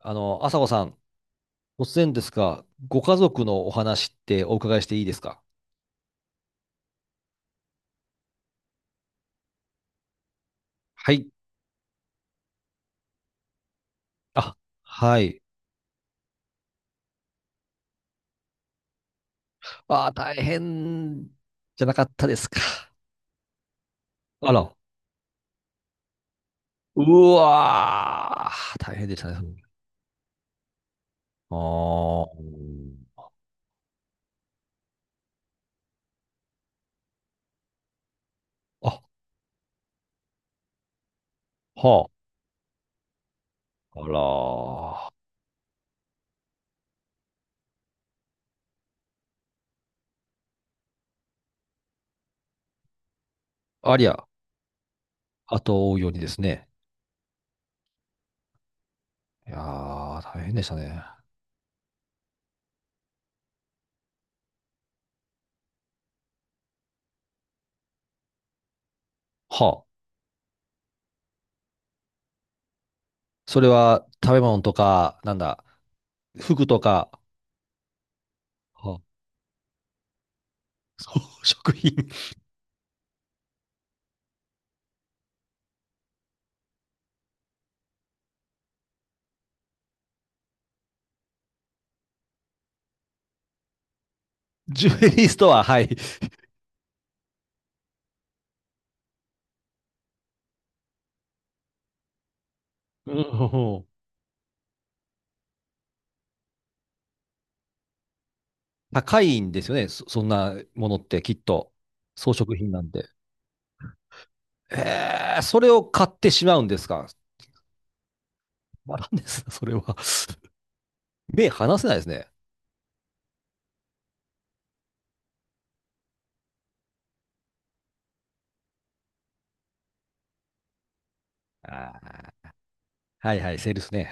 朝子さん、突然ですが、ご家族のお話ってお伺いしていいですか？はい。あ、はい。大変じゃなかったですか。あら、うわー、大変でしたね。あー、あ、はあ、あらー、ありゃ、後を追うようにですね。いやー、大変でしたね。はあ、それは食べ物とか、なんだ、服とか、はあ、そう食品、ジュエリーストア、はい。うん、高いんですよね。そんなものってきっと。装飾品なんで。それを買ってしまうんですか。まんですかそれは。目離せないですね。あーはいはい、セールスね。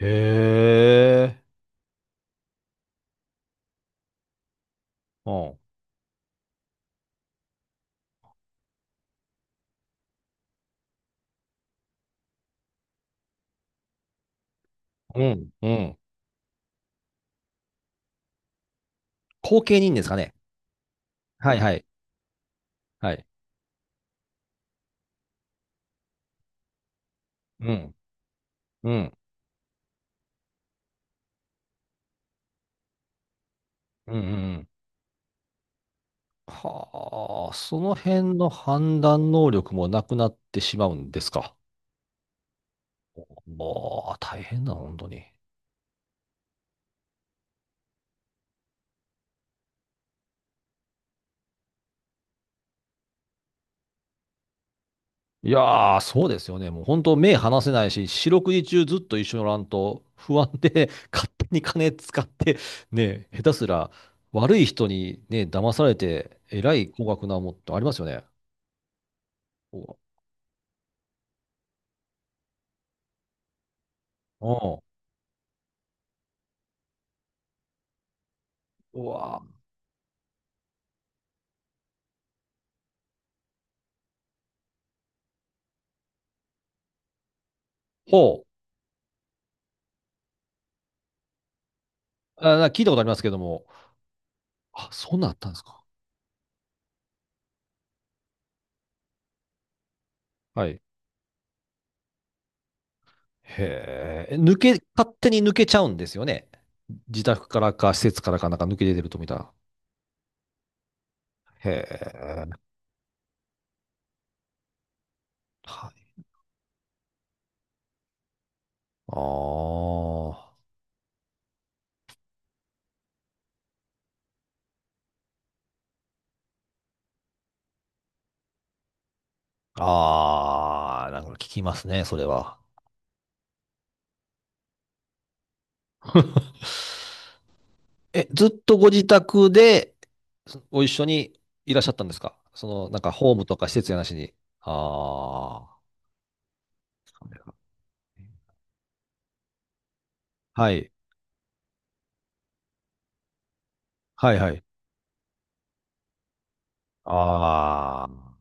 へえ。うん。うん。うん。後見人ですかね。はいはい。はい。うん。うん。うん。うんうん、はあ、その辺の判断能力もなくなってしまうんですか。もう、大変だ、本当に。いやー、そうですよね。もう本当目離せないし、四六時中ずっと一緒におらんと不安で 勝手に金使って、ね、下手すら悪い人にね、騙されて、えらい高額なもんってありますよね。うわ、うん。うわ、ほう。あ、聞いたことありますけども。あ、そんなんあったんですか。はい。へえ。勝手に抜けちゃうんですよね。自宅からか施設からかなんか抜け出てると見たら。へえ。はい。ああ。ああ、なんか聞きますね、それは。え、ずっとご自宅でご一緒にいらっしゃったんですか？なんかホームとか施設やなしに。ああ。はい。はいはい。ああ。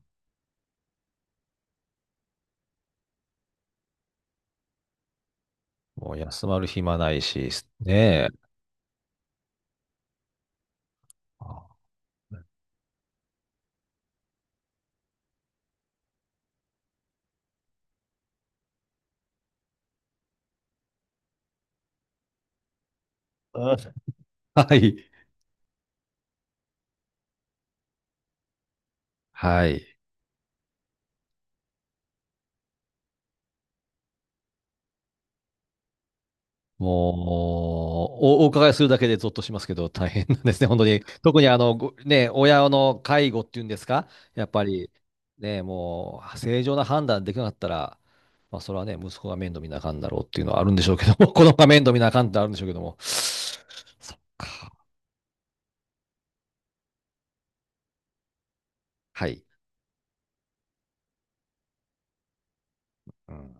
もう休まる暇ないし、ねえ。あー、うん。 はい。はい。もう、お伺いするだけでゾッとしますけど、大変なんですね、本当に。特に親の介護っていうんですか、やっぱり、ね、もう、正常な判断できなかったら、まあ、それはね、息子が面倒見なあかんだろうっていうのはあるんでしょうけども、子供が面倒見なあかんってあるんでしょうけども。そっか。はい。うん。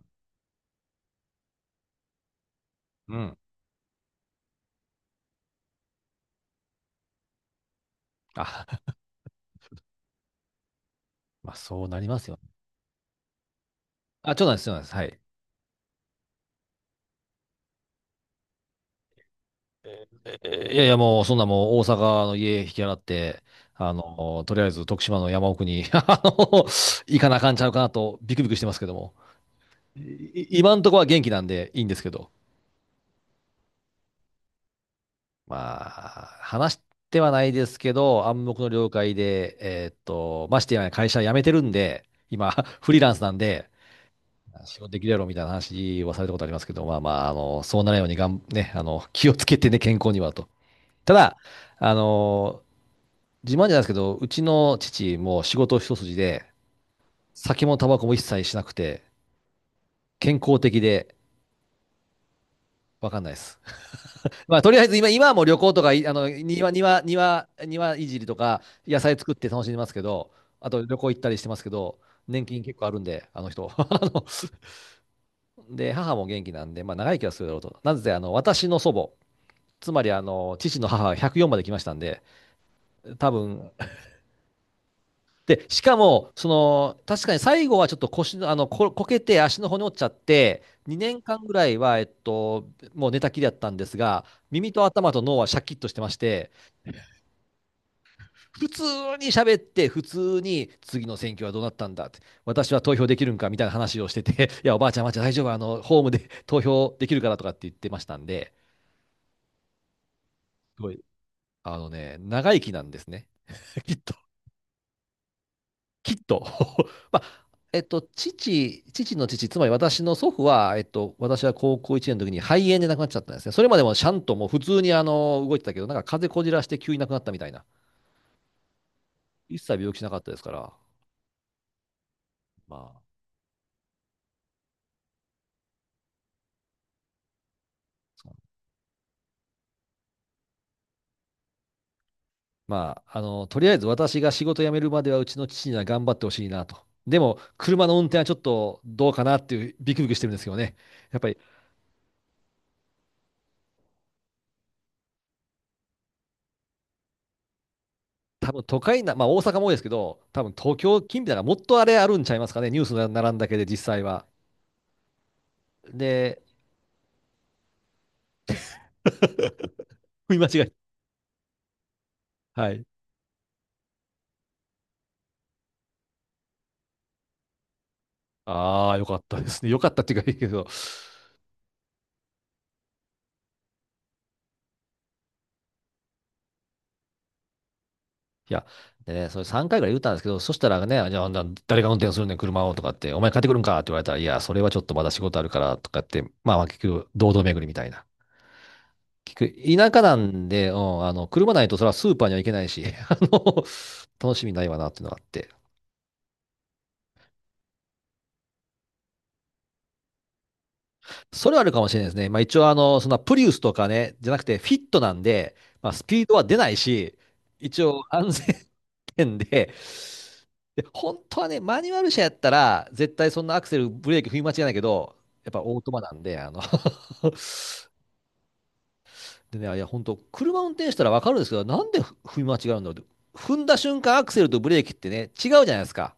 うん。あ、まあ、そうなりますよね。あ、ちょっとです、そうなんです。はい。いやいや、もう、そんなもう、大阪の家引き払って、とりあえず徳島の山奥に、行かなあかんちゃうかなと、ビクビクしてますけども。今んとこは元気なんでいいんですけど。まあ、話してはないですけど、暗黙の了解で、ましてや会社辞めてるんで、今、フリーランスなんで、仕事できるやろみたいな話はされたことありますけど、まあまあ、そうならないようにね、気をつけてね、健康にはと。ただ、あの自慢じゃないですけど、うちの父も仕事一筋で、酒もタバコも一切しなくて、健康的で、わかんないです。まあ、とりあえず今はもう旅行とか、庭いじりとか、野菜作って楽しんでますけど、あと旅行行ったりしてますけど、年金結構あるんで、あの人。ので、母も元気なんで、まあ、長生きはするだろうと。なぜ、私の祖母、つまり、父の母は104まで来ましたんで、多分、で、しかも、確かに最後はちょっと腰の、こけて足の骨折っちゃって、2年間ぐらいは、もう寝たきりだったんですが、耳と頭と脳はシャキッとしてまして、普通に喋って、普通に、次の選挙はどうなったんだって、私は投票できるんかみたいな話をしてて、いや、おばあちゃん、おばあちゃん、大丈夫、ホームで投票できるからとかって言ってましたんで、すごい、あのね、長生きなんですね。きっきっと。まあ、父の父、つまり私の祖父は、私は高校1年の時に肺炎で亡くなっちゃったんですね。それまでもちゃんともう普通に動いてたけど、なんか風邪こじらして急に亡くなったみたいな。一切病気しなかったですから。まあ、そうとりあえず私が仕事辞めるまではうちの父には頑張ってほしいなと。でも、車の運転はちょっとどうかなっていうビクビクしてるんですけどね。やっぱり、多分都会な、まあ大阪も多いですけど、多分東京近辺だからもっとあれあるんちゃいますかね。ニュースに並んだけで実際は。で、踏み間違い。はい。ああ、よかったですね。よかったっていうかいいけど。いや、でね、それ3回ぐらい言ったんですけど、そしたらね、じゃあ、あんな誰が運転するねん、車をとかって、お前帰ってくるんかって言われたら、いや、それはちょっとまだ仕事あるからとかって、まあまあ、結局、堂々巡りみたいな。結局、田舎なんで、うん、車ないとそれはスーパーには行けないし、楽しみないわなっていうのがあって。それはあるかもしれないですね。まあ一応そんなプリウスとかね、じゃなくてフィットなんで、まあスピードは出ないし、一応安全点で、で、本当はね、マニュアル車やったら、絶対そんなアクセル、ブレーキ踏み間違いないけど、やっぱオートマなんで、でね、いや、本当車運転したらわかるんですけど、なんで踏み間違うんだろうって。踏んだ瞬間、アクセルとブレーキってね、違うじゃないですか。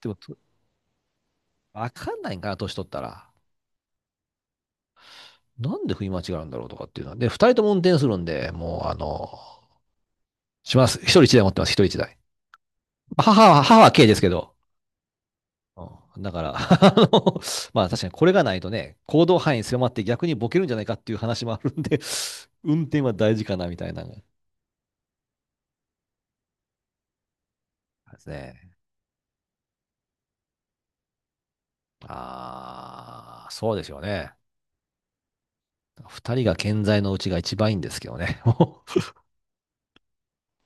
でも、わかんないんかな、年取ったら。なんで振り間違うんだろうとかっていうのは。で、二人とも運転するんで、もう、します。一人一台持ってます、一人一台。母は軽ですけど。うんだから、まあ確かにこれがないとね、行動範囲狭まって逆にボケるんじゃないかっていう話もあるんで、運転は大事かなみたいな。ですね。ああ、そうですよね。二人が健在のうちが一番いいんですけどね。もう